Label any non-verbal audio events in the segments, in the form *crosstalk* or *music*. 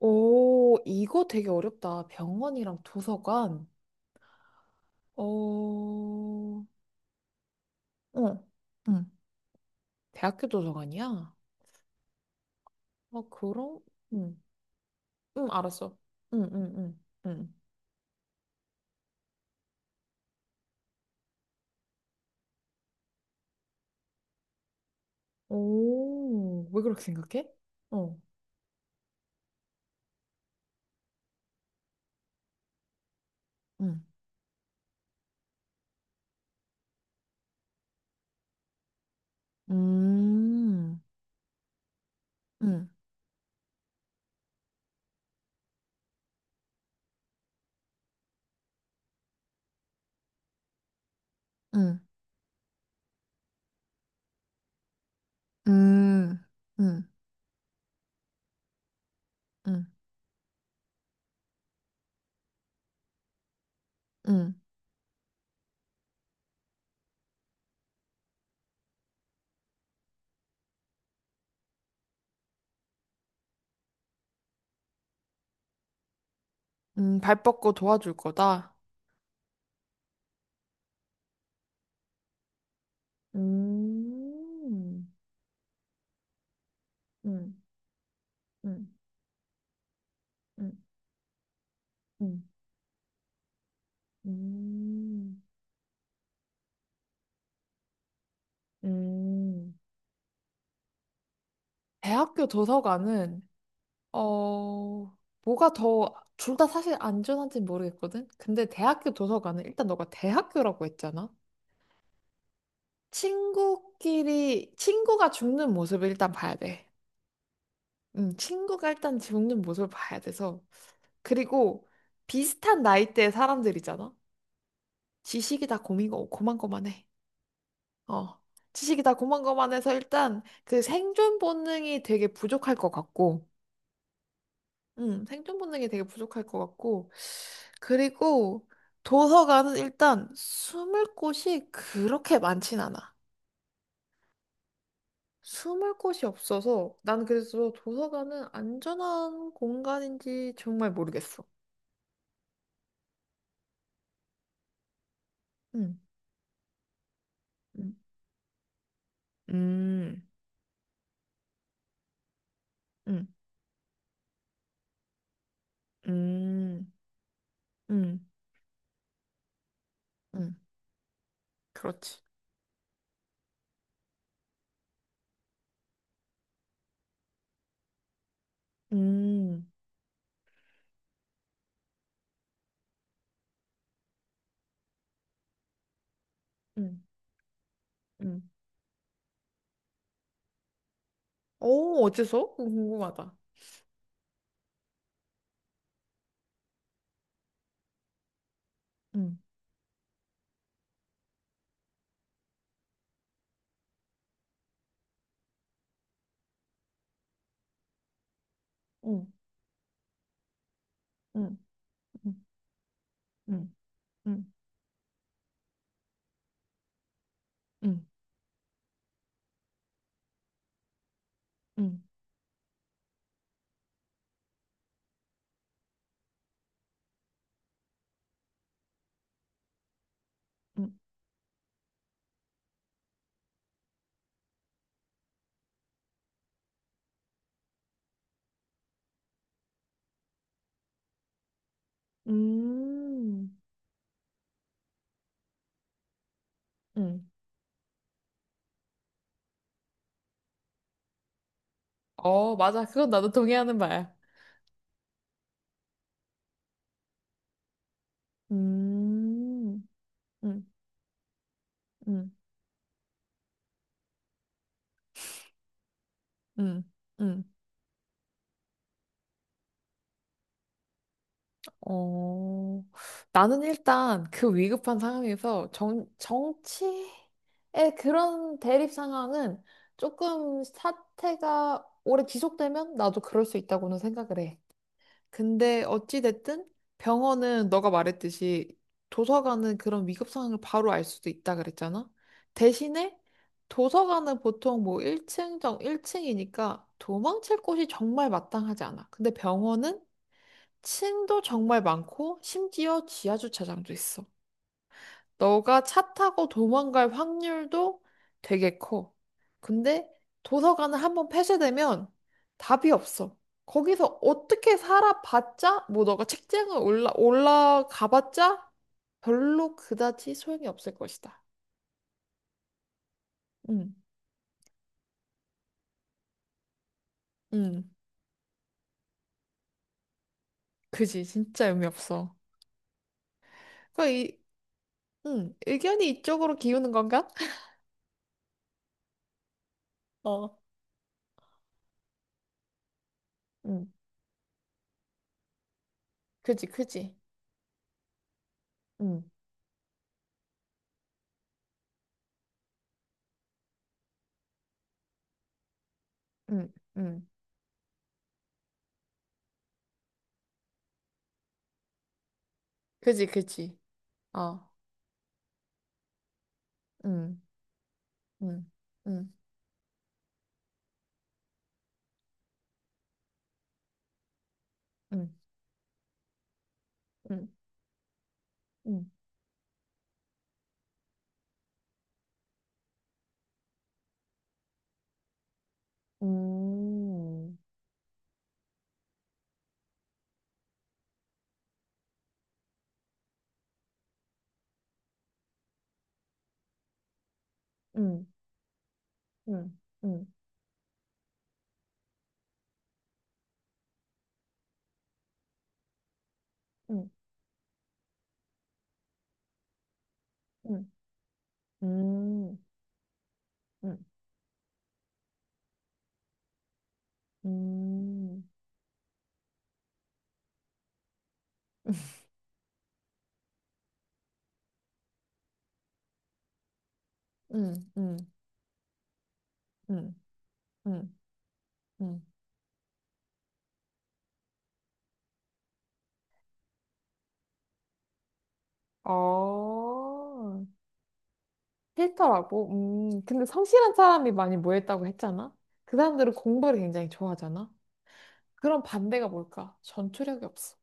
오, 이거 되게 어렵다. 병원이랑 도서관. 어, 어, 응. 대학교 도서관이야? 어, 그럼? 응, 응, 알았어. 응, 응, 응, 응. 오, 왜 그렇게 생각해? 어, 응. 음, 응, 응, 음, 응, 응, 응. 발 뻗고 도와줄 거다. 음, 응, 응, 응, 응. 음. 음, 대학교 도서관은, 어, 뭐가 더, 둘 다 사실 안전한지는 모르겠거든? 근데 대학교 도서관은 일단 너가 대학교라고 했잖아? 친구끼리, 친구가 죽는 모습을 일단 봐야 돼. 친구가 일단 죽는 모습을 봐야 돼서. 그리고 비슷한 나이대의 사람들이잖아? 지식이 다 고만고만해. 어. 지식이 다 고만고만해서 일단 그 생존 본능이 되게 부족할 것 같고, 생존 본능이 되게 부족할 것 같고. 그리고 도서관은 일단 숨을 곳이 그렇게 많진 않아. 숨을 곳이 없어서 난 그래서 도서관은 안전한 공간인지 정말 모르겠어. 음, 음, 음, 음, 음, 음, 음. 그렇지. 음, 음, 음. 오, 어째서? 그거 궁금하다. 음, 음, 음, 음, 음, 음, 음, 음, 음. 음, 음. 어, 맞아. 그건 나도 동의하는 바야. 음, 음, 음, 음, 음. 어, 나는 일단 그 위급한 상황에서 정치의 그런 대립 상황은 조금 사태가 오래 지속되면 나도 그럴 수 있다고는 생각을 해. 근데 어찌됐든 병원은 너가 말했듯이 도서관은 그런 위급 상황을 바로 알 수도 있다 그랬잖아. 대신에 도서관은 보통 뭐 1층 정 1층이니까 도망칠 곳이 정말 마땅하지 않아. 근데 병원은 층도 정말 많고 심지어 지하 주차장도 있어. 너가 차 타고 도망갈 확률도 되게 커. 근데 도서관을 한번 폐쇄되면 답이 없어. 거기서 어떻게 살아봤자, 뭐 너가 책장을 올라가봤자 별로 그다지 소용이 없을 것이다. 응, 응, 그지. 진짜 의미 없어. 그, 이, 응, 의견이 이쪽으로 기우는 건가? *laughs* 어, 응, 그지, 그지. 응, 응, 응, 그지, 그지. 어, 응, 응, 응. 응. 응, 응, 음, 응, 응, 응, 응, 응, 음, 응, 음, 응, 응, 응, 응, 응. 어, 싫라고 근데 성실한 사람이 많이 모였다고 했잖아? 그 사람들은 공부를 굉장히 좋아하잖아? 그럼 반대가 뭘까? 전투력이 없어.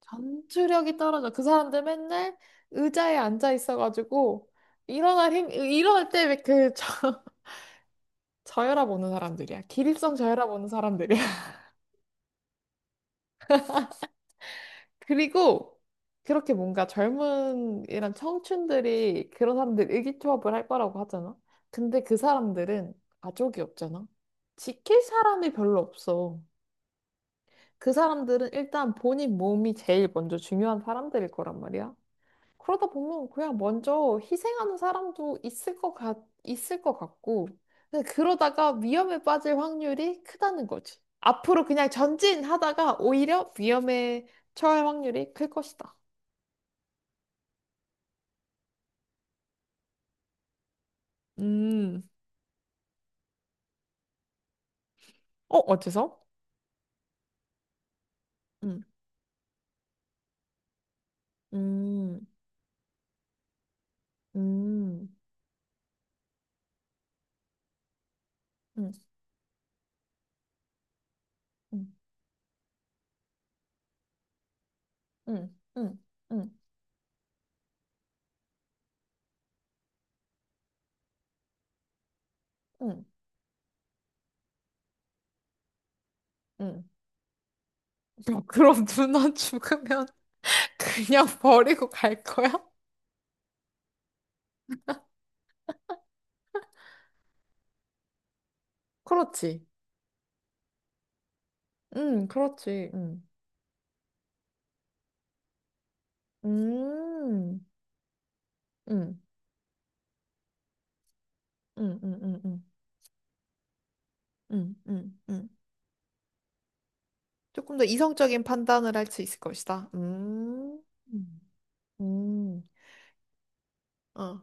전투력이 떨어져. 그 사람들 맨날 의자에 앉아 있어가지고, 일어날 힘, 일어날 때 왜그 저혈압 오는 사람들이야. 기립성 저혈압 오는 사람들이야. *laughs* 그리고 그렇게 뭔가 젊은 이런 청춘들이 그런 사람들 의기투합을 할 거라고 하잖아. 근데 그 사람들은 가족이 없잖아. 지킬 사람이 별로 없어. 그 사람들은 일단 본인 몸이 제일 먼저 중요한 사람들일 거란 말이야. 그러다 보면 그냥 먼저 희생하는 사람도 있을 것 같, 있을 것 같고, 근데 그러다가 위험에 빠질 확률이 크다는 거지. 앞으로 그냥 전진하다가 오히려 위험에 처할 확률이 클 것이다. 음, 어, 어째서? 음, 음, 음, 음, 음, 음, 음, 음, 음. 음. *laughs* 그럼 누나 죽으면 *laughs* 그냥 버리고 갈 거야? 그렇지. 그렇지. 음. 음. 음, 음, 음, 음, 음, 음, 음, 음. 조금 더 이성적인 판단을 할 수 있을 것이다. 음. 음, 어,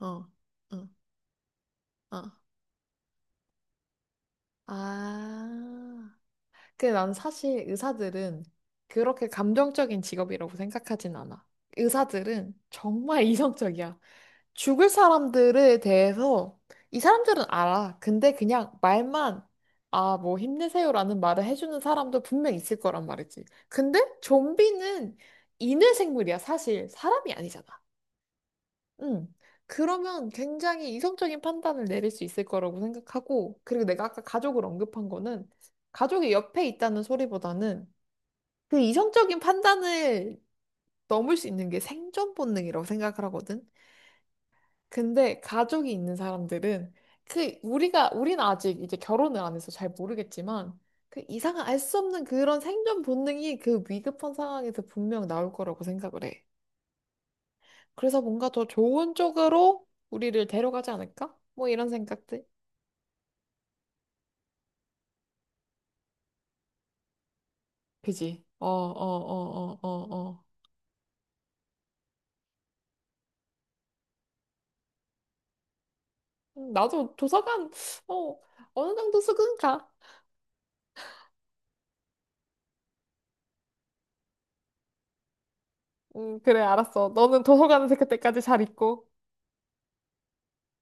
어, 어, 어. 아. 근데 난 사실 의사들은 그렇게 감정적인 직업이라고 생각하진 않아. 의사들은 정말 *laughs* 이성적이야. 죽을 사람들에 대해서 이 사람들은 알아. 근데 그냥 말만 아, 뭐 힘내세요라는 말을 해주는 사람도 분명 있을 거란 말이지. 근데 좀비는 인외 생물이야, 사실. 사람이 아니잖아. 응. 그러면 굉장히 이성적인 판단을 내릴 수 있을 거라고 생각하고, 그리고 내가 아까 가족을 언급한 거는 가족이 옆에 있다는 소리보다는 그 이성적인 판단을 넘을 수 있는 게 생존 본능이라고 생각을 하거든. 근데 가족이 있는 사람들은 그 우리가 우리는 아직 이제 결혼을 안 해서 잘 모르겠지만 그 이상한 알 수 없는 그런 생존 본능이 그 위급한 상황에서 분명 나올 거라고 생각을 해. 그래서 뭔가 더 좋은 쪽으로 우리를 데려가지 않을까? 뭐 이런 생각들. 그지? 어, 어, 어, 어, 어, 어. 나도 도서관 어 어느 정도 수긍가. 그래, 알았어. 너는 도서관에서 그때까지 잘 있고.